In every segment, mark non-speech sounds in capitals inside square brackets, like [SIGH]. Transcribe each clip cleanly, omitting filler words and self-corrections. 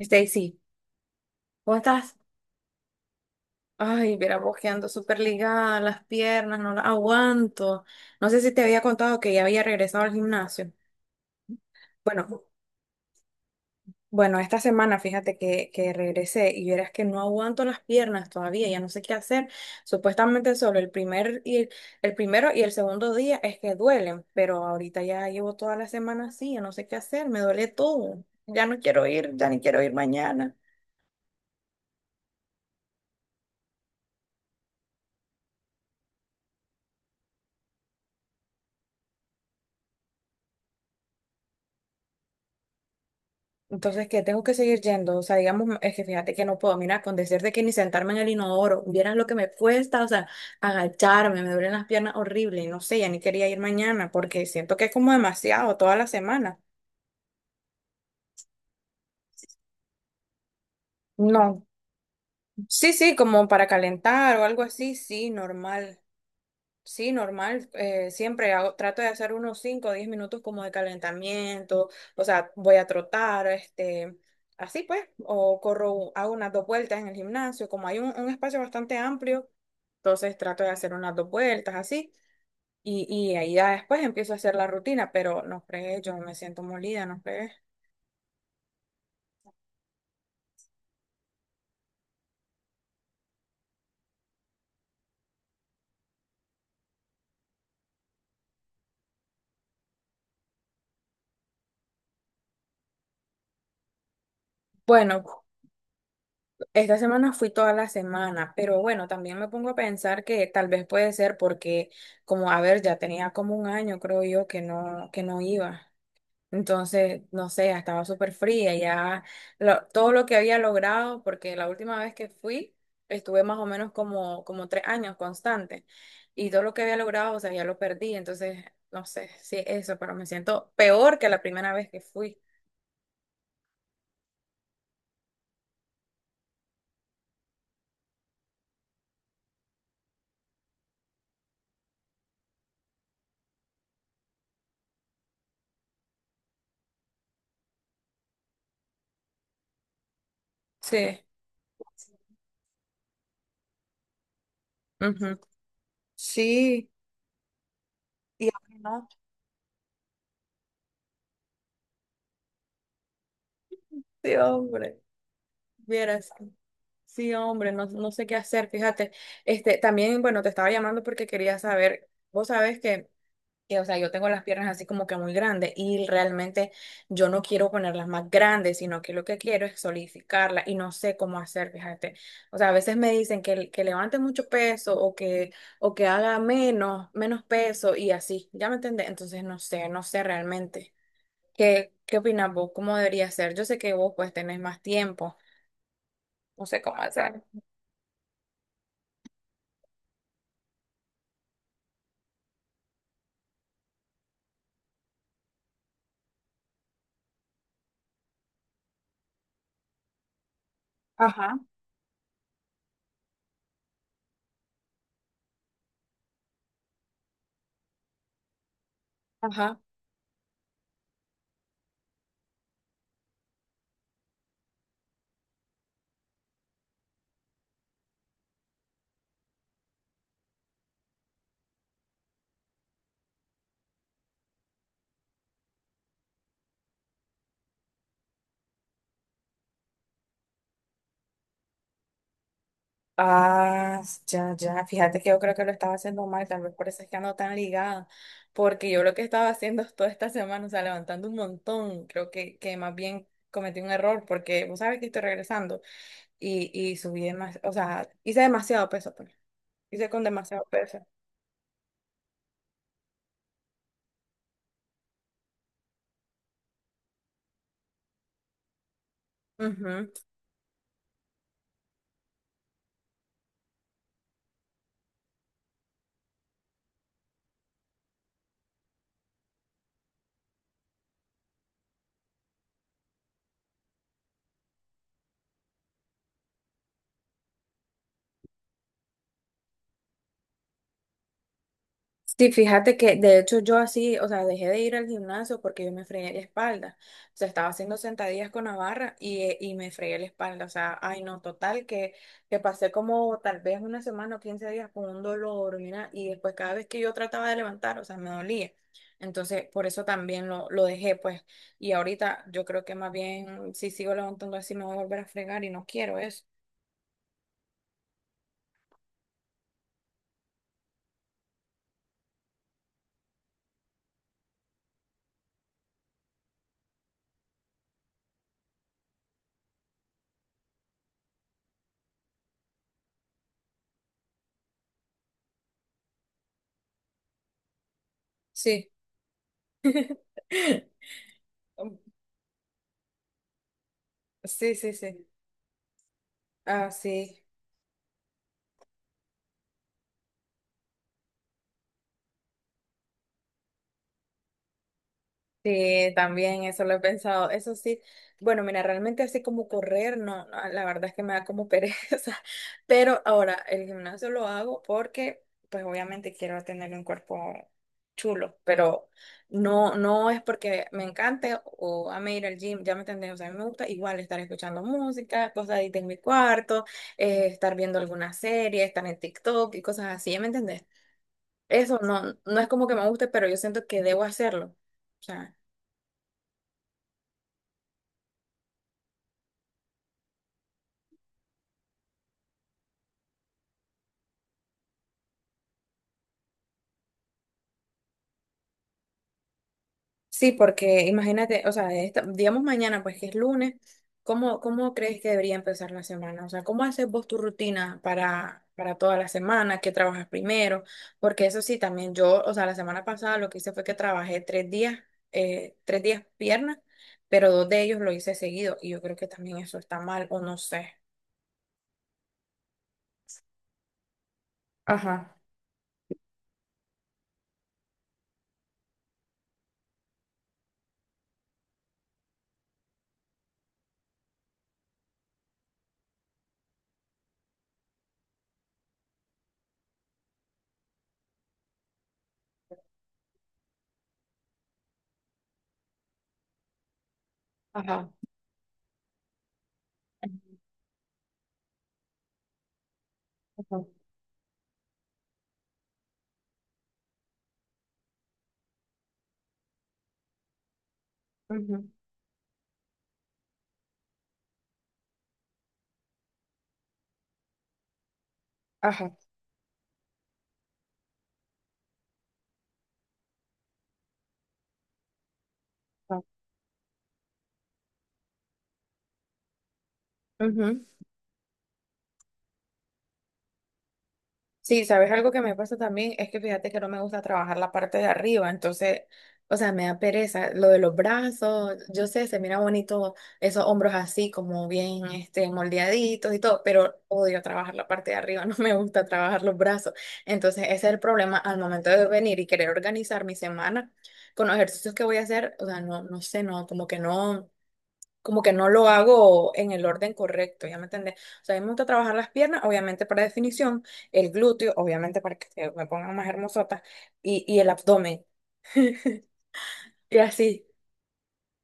Stacy, ¿cómo estás? Ay, mira, bojeando súper ligada, las piernas, no las aguanto. No sé si te había contado que ya había regresado al gimnasio. Bueno, bueno, esta semana fíjate que regresé y verás que no aguanto las piernas todavía, ya no sé qué hacer. Supuestamente solo el primero y el segundo día es que duelen, pero ahorita ya llevo toda la semana así, ya no sé qué hacer, me duele todo. Ya no quiero ir, ya ni quiero ir mañana. Entonces, ¿qué? Tengo que seguir yendo. O sea, digamos, es que fíjate que no puedo. Mira, con decirte que ni sentarme en el inodoro, vieras lo que me cuesta, o sea, agacharme, me duelen las piernas horrible. No sé, ya ni quería ir mañana porque siento que es como demasiado toda la semana. No, sí, sí, como para calentar o algo así, sí, normal. Sí, normal. Siempre trato de hacer unos 5 o 10 minutos como de calentamiento. O sea, voy a trotar, así pues, o corro, hago unas dos vueltas en el gimnasio. Como hay un espacio bastante amplio, entonces trato de hacer unas dos vueltas así. Y ahí ya después empiezo a hacer la rutina, pero no fregué, yo me siento molida, no fregué. Bueno, esta semana fui toda la semana, pero bueno, también me pongo a pensar que tal vez puede ser porque, como a ver, ya tenía como un año, creo yo, que no iba. Entonces, no sé, ya estaba súper fría, ya todo lo que había logrado, porque la última vez que fui, estuve más o menos como 3 años constante, y todo lo que había logrado, o sea, ya lo perdí. Entonces, no sé si es eso, pero me siento peor que la primera vez que fui. Sí. Ujú. Sí. Y ahora no. Sí, hombre, vieras. Sí, hombre, no, no sé qué hacer, fíjate. También, bueno, te estaba llamando porque quería saber, vos sabes que, o sea, yo tengo las piernas así como que muy grandes y realmente yo no quiero ponerlas más grandes, sino que lo que quiero es solidificarlas y no sé cómo hacer, fíjate. O sea, a veces me dicen que levante mucho peso o que haga menos peso y así, ¿ya me entendés? Entonces, no sé, no sé realmente. ¿Qué opinas vos? ¿Cómo debería ser? Yo sé que vos pues tenés más tiempo. No sé cómo hacer. Ajá. Ajá. Ah, ya, ya. Fíjate que yo creo que lo estaba haciendo mal, tal vez por eso es que ando tan ligada. Porque yo lo que estaba haciendo es toda esta semana, o sea, levantando un montón. Creo que más bien cometí un error porque vos sabes que estoy regresando y subí demasiado, o sea, hice demasiado peso, pues. Hice con demasiado peso. Ujú. Sí, fíjate que de hecho yo así, o sea, dejé de ir al gimnasio porque yo me fregué la espalda. O sea, estaba haciendo sentadillas con la barra y me fregué la espalda. O sea, ay no, total, que pasé como tal vez una semana o 15 días con un dolor, mira, y después cada vez que yo trataba de levantar, o sea, me dolía. Entonces, por eso también lo dejé, pues. Y ahorita yo creo que más bien si sigo levantando así me voy a volver a fregar y no quiero eso. Sí. [LAUGHS] Sí, sí, sí. Ah, sí. Sí, también eso lo he pensado. Eso sí, bueno, mira, realmente así como correr, no, no, la verdad es que me da como pereza. [LAUGHS] Pero ahora el gimnasio lo hago porque, pues obviamente quiero tener un cuerpo chulo, pero no, no es porque me encante o ame ir al gym, ya me entendés, o sea, a mí me gusta igual estar escuchando música, cosas ahí de mi cuarto, estar viendo alguna serie, estar en TikTok y cosas así, ¿ya me entendés? Eso no, no es como que me guste, pero yo siento que debo hacerlo. O sea. Sí, porque imagínate, o sea, digamos mañana, pues que es lunes, ¿cómo crees que debería empezar la semana? O sea, ¿cómo haces vos tu rutina para toda la semana? ¿Qué trabajas primero? Porque eso sí, también yo, o sea, la semana pasada lo que hice fue que trabajé 3 días piernas, pero dos de ellos lo hice seguido y yo creo que también eso está mal o no sé. Ajá, ajá, ajá, ujú, ajá, ajá. Ujú. Sí, sabes algo que me pasa también es que fíjate que no me gusta trabajar la parte de arriba, entonces, o sea, me da pereza lo de los brazos, yo sé, se mira bonito esos hombros así como bien moldeaditos y todo, pero odio trabajar la parte de arriba, [LAUGHS] no me gusta trabajar los brazos. Entonces, ese es el problema al momento de venir y querer organizar mi semana con los ejercicios que voy a hacer, o sea, no no sé, no como que no lo hago en el orden correcto, ¿ya me entendés? O sea, a mí me gusta trabajar las piernas, obviamente para definición, el glúteo, obviamente para que se me pongan más hermosotas, y el abdomen, [LAUGHS] y así,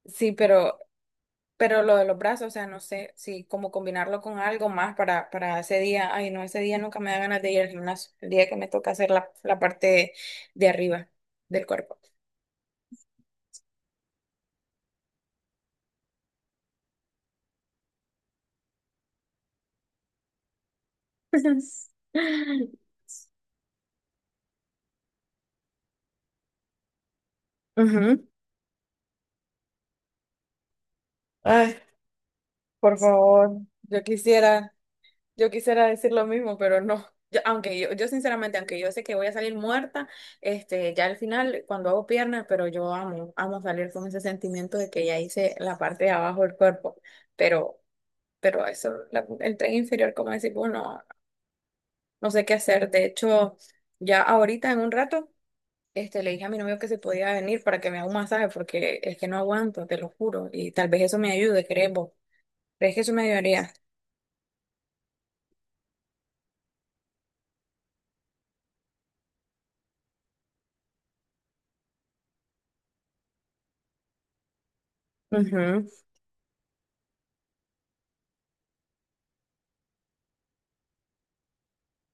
sí, pero, lo de los brazos, o sea, no sé, si como combinarlo con algo más para ese día, ay, no, ese día nunca me da ganas de ir al gimnasio, el día que me toca hacer la parte de arriba del cuerpo. [LAUGHS] Ujú. Ay, por favor, yo quisiera. Yo quisiera decir lo mismo, pero no. Aunque yo sinceramente, aunque yo sé que voy a salir muerta, ya al final, cuando hago piernas, pero yo amo, amo salir con ese sentimiento de que ya hice la parte de abajo del cuerpo. Pero, eso, el tren inferior, como decir, bueno, no sé qué hacer. De hecho, ya ahorita en un rato, le dije a mi novio que se podía venir para que me haga un masaje, porque es que no aguanto, te lo juro. Y tal vez eso me ayude, ¿crees vos? ¿Crees que eso me ayudaría? Ujú.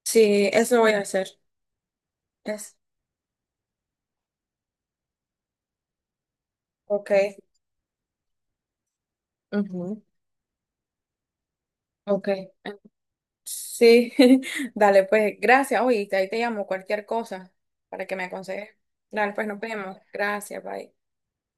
Sí, eso voy a hacer. Es- Ok. Ujú. Ok. Sí, [LAUGHS] dale, pues gracias. Oye, ahí te llamo cualquier cosa para que me aconsejes. Dale, pues nos vemos. Gracias, bye.